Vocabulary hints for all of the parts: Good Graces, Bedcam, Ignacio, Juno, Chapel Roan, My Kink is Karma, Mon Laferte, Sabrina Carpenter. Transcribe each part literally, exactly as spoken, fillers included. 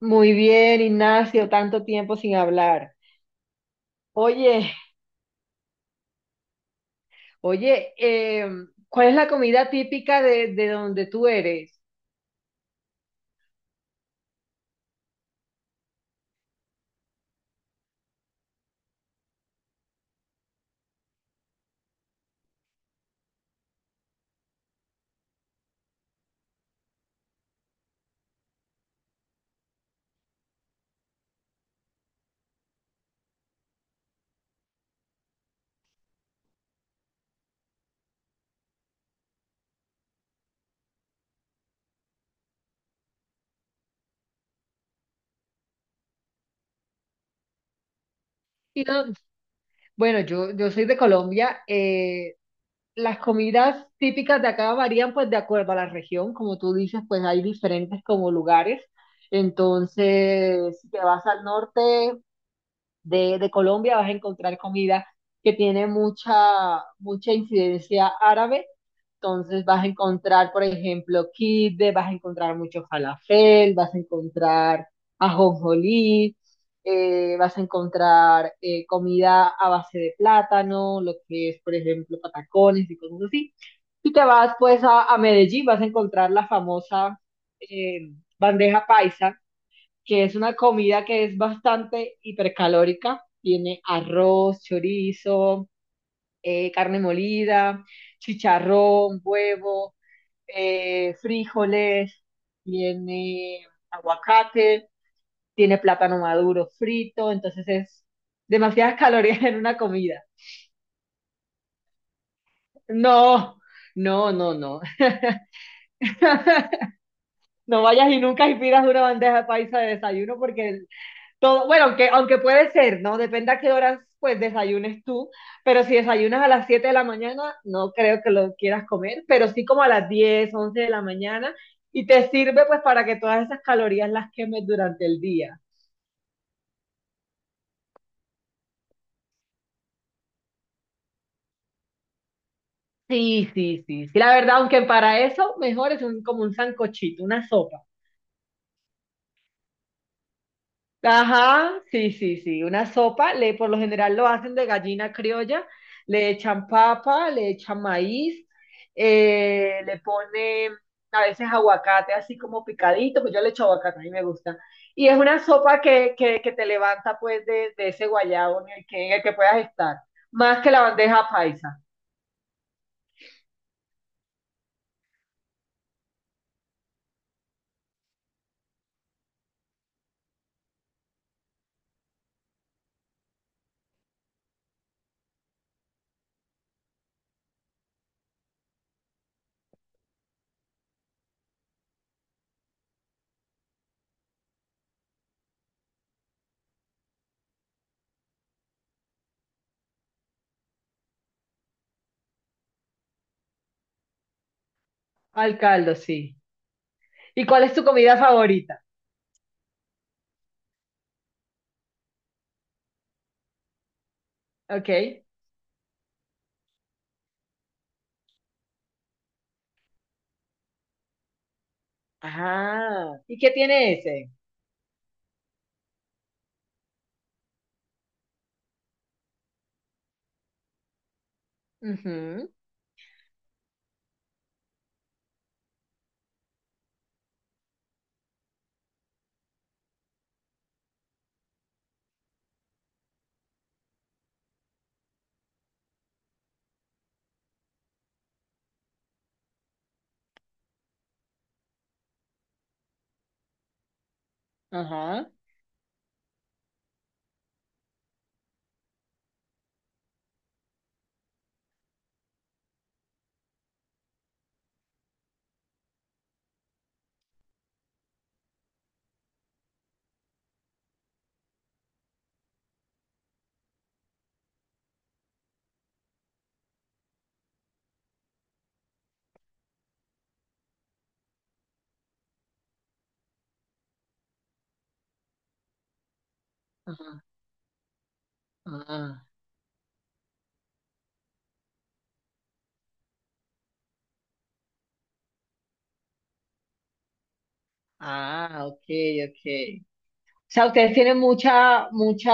Muy bien, Ignacio, tanto tiempo sin hablar. Oye, oye, eh, ¿cuál es la comida típica de, de donde tú eres? Y no- bueno, yo, yo soy de Colombia. eh, las comidas típicas de acá varían pues de acuerdo a la región. Como tú dices, pues hay diferentes como lugares. Entonces, si te vas al norte de, de Colombia, vas a encontrar comida que tiene mucha, mucha incidencia árabe. Entonces vas a encontrar, por ejemplo, kibbe, vas a encontrar mucho falafel, vas a encontrar ajonjolí, eh, vas a encontrar eh, comida a base de plátano, lo que es, por ejemplo, patacones y cosas así. Si te vas pues a, a Medellín, vas a encontrar la famosa eh, bandeja paisa, que es una comida que es bastante hipercalórica. Tiene arroz, chorizo, eh, carne molida, chicharrón, huevo, eh, frijoles, tiene aguacate, tiene plátano maduro frito, entonces es demasiadas calorías en una comida. No, no, no, no. No vayas y nunca y pidas una bandeja paisa de desayuno. Porque el- todo, bueno, aunque, aunque puede ser, ¿no? Depende a qué horas pues desayunes tú, pero si desayunas a las siete de la mañana, no creo que lo quieras comer, pero sí como a las diez once de la mañana, y te sirve pues para que todas esas calorías las quemes durante el día. Sí, sí, sí, sí. La verdad, aunque para eso mejor es un, como un sancochito, una sopa. Ajá, sí, sí, sí, una sopa. Le, por lo general lo hacen de gallina criolla. Le echan papa, le echan maíz, eh, le ponen a veces aguacate así como picadito, pues yo le echo aguacate, a mí me gusta. Y es una sopa que, que, que te levanta pues de, de ese guayabo en el que, en el que puedas estar. Más que la bandeja paisa. Al caldo, sí. ¿Y cuál es tu comida favorita? Ok. Ajá. ¿Y qué tiene ese? Ujú, ajá. Ajá. Ajá. Ah, ok, ok. O sea, ustedes tienen mucha, mucha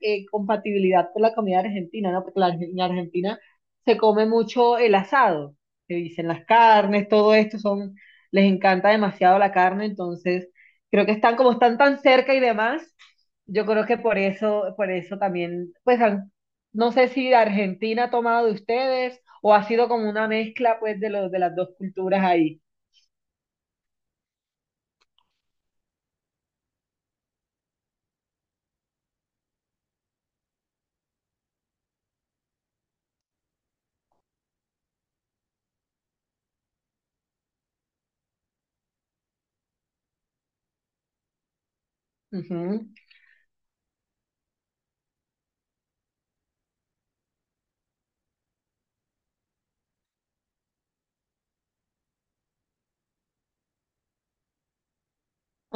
eh, compatibilidad con la comida argentina, ¿no? Porque la, en Argentina se come mucho el asado, se dicen las carnes, todo esto son, les encanta demasiado la carne, entonces creo que están como están tan cerca y demás, yo creo que por eso, por eso también. Pues han- no sé si Argentina ha tomado de ustedes o ha sido como una mezcla pues de los de las dos culturas ahí. Ujú.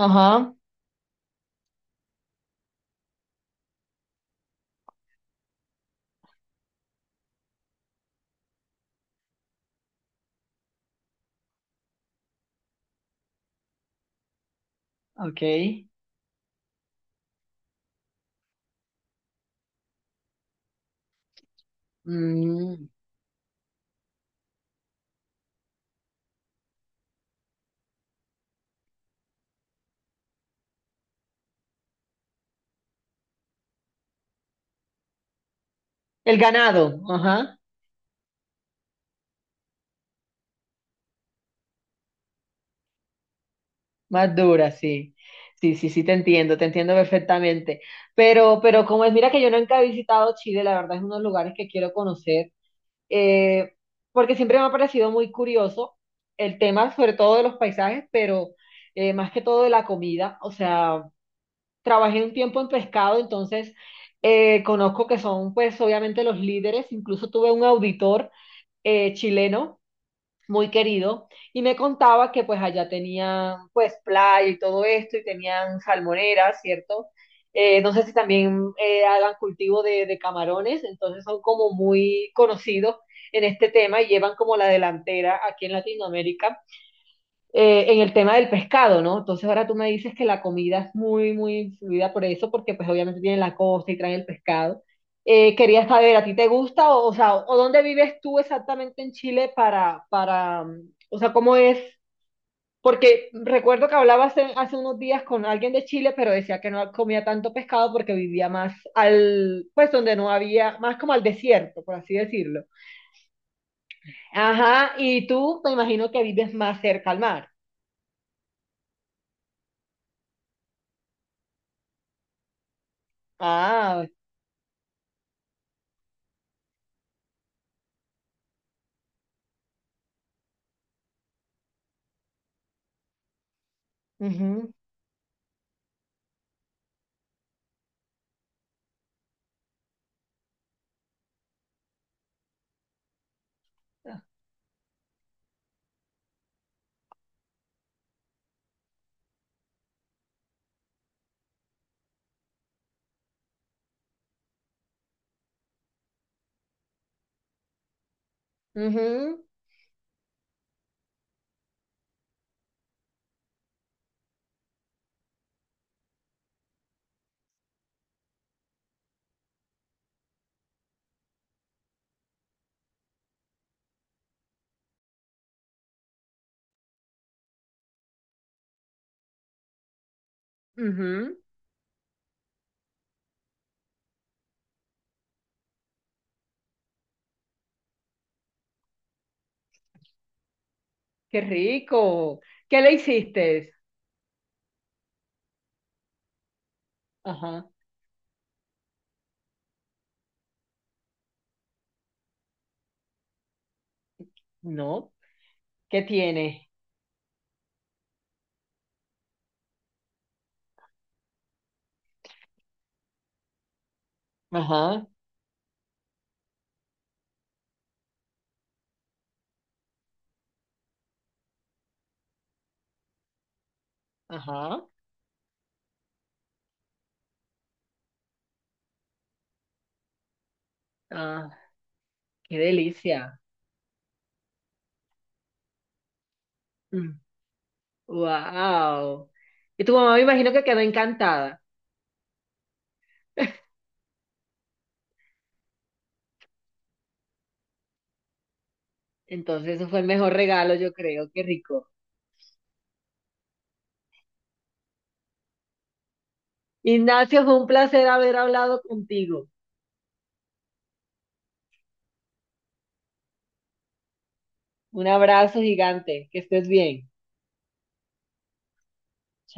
Ajá, ok. Mm. El ganado, ajá, más dura, sí. Sí, sí, sí, te entiendo, te entiendo perfectamente. Pero, pero como es, mira que yo nunca he visitado Chile, la verdad es uno de los lugares que quiero conocer, eh, porque siempre me ha parecido muy curioso el tema, sobre todo de los paisajes, pero eh, más que todo de la comida. O sea, trabajé un tiempo en pescado, entonces eh, conozco que son, pues, obviamente los líderes. Incluso tuve un auditor eh, chileno muy querido, y me contaba que pues allá tenían pues playa y todo esto, y tenían salmoneras, ¿cierto? Eh, no sé si también eh, hagan cultivo de, de camarones, entonces son como muy conocidos en este tema y llevan como la delantera aquí en Latinoamérica eh, en el tema del pescado, ¿no? Entonces ahora tú me dices que la comida es muy, muy influida por eso, porque pues obviamente tienen la costa y traen el pescado. Eh, quería saber, ¿a ti te gusta? O, o sea, ¿o dónde vives tú exactamente en Chile para, para, mm, o sea, cómo es? Porque recuerdo que hablaba hace, hace unos días con alguien de Chile, pero decía que no comía tanto pescado porque vivía más al, pues donde no había, más como al desierto, por así decirlo. Ajá, y tú me imagino que vives más cerca al mar. Ah, ujú. Ujú, ujú. Qué rico. ¿Qué le hiciste? Ajá. No. ¿Qué tiene? Ajá. Ajá. Ah, qué delicia. Wow. Y tu mamá me imagino que quedó encantada. Entonces, eso fue el mejor regalo, yo creo. Qué rico. Ignacio, fue un placer haber hablado contigo. Un abrazo gigante. Que estés bien. Chao.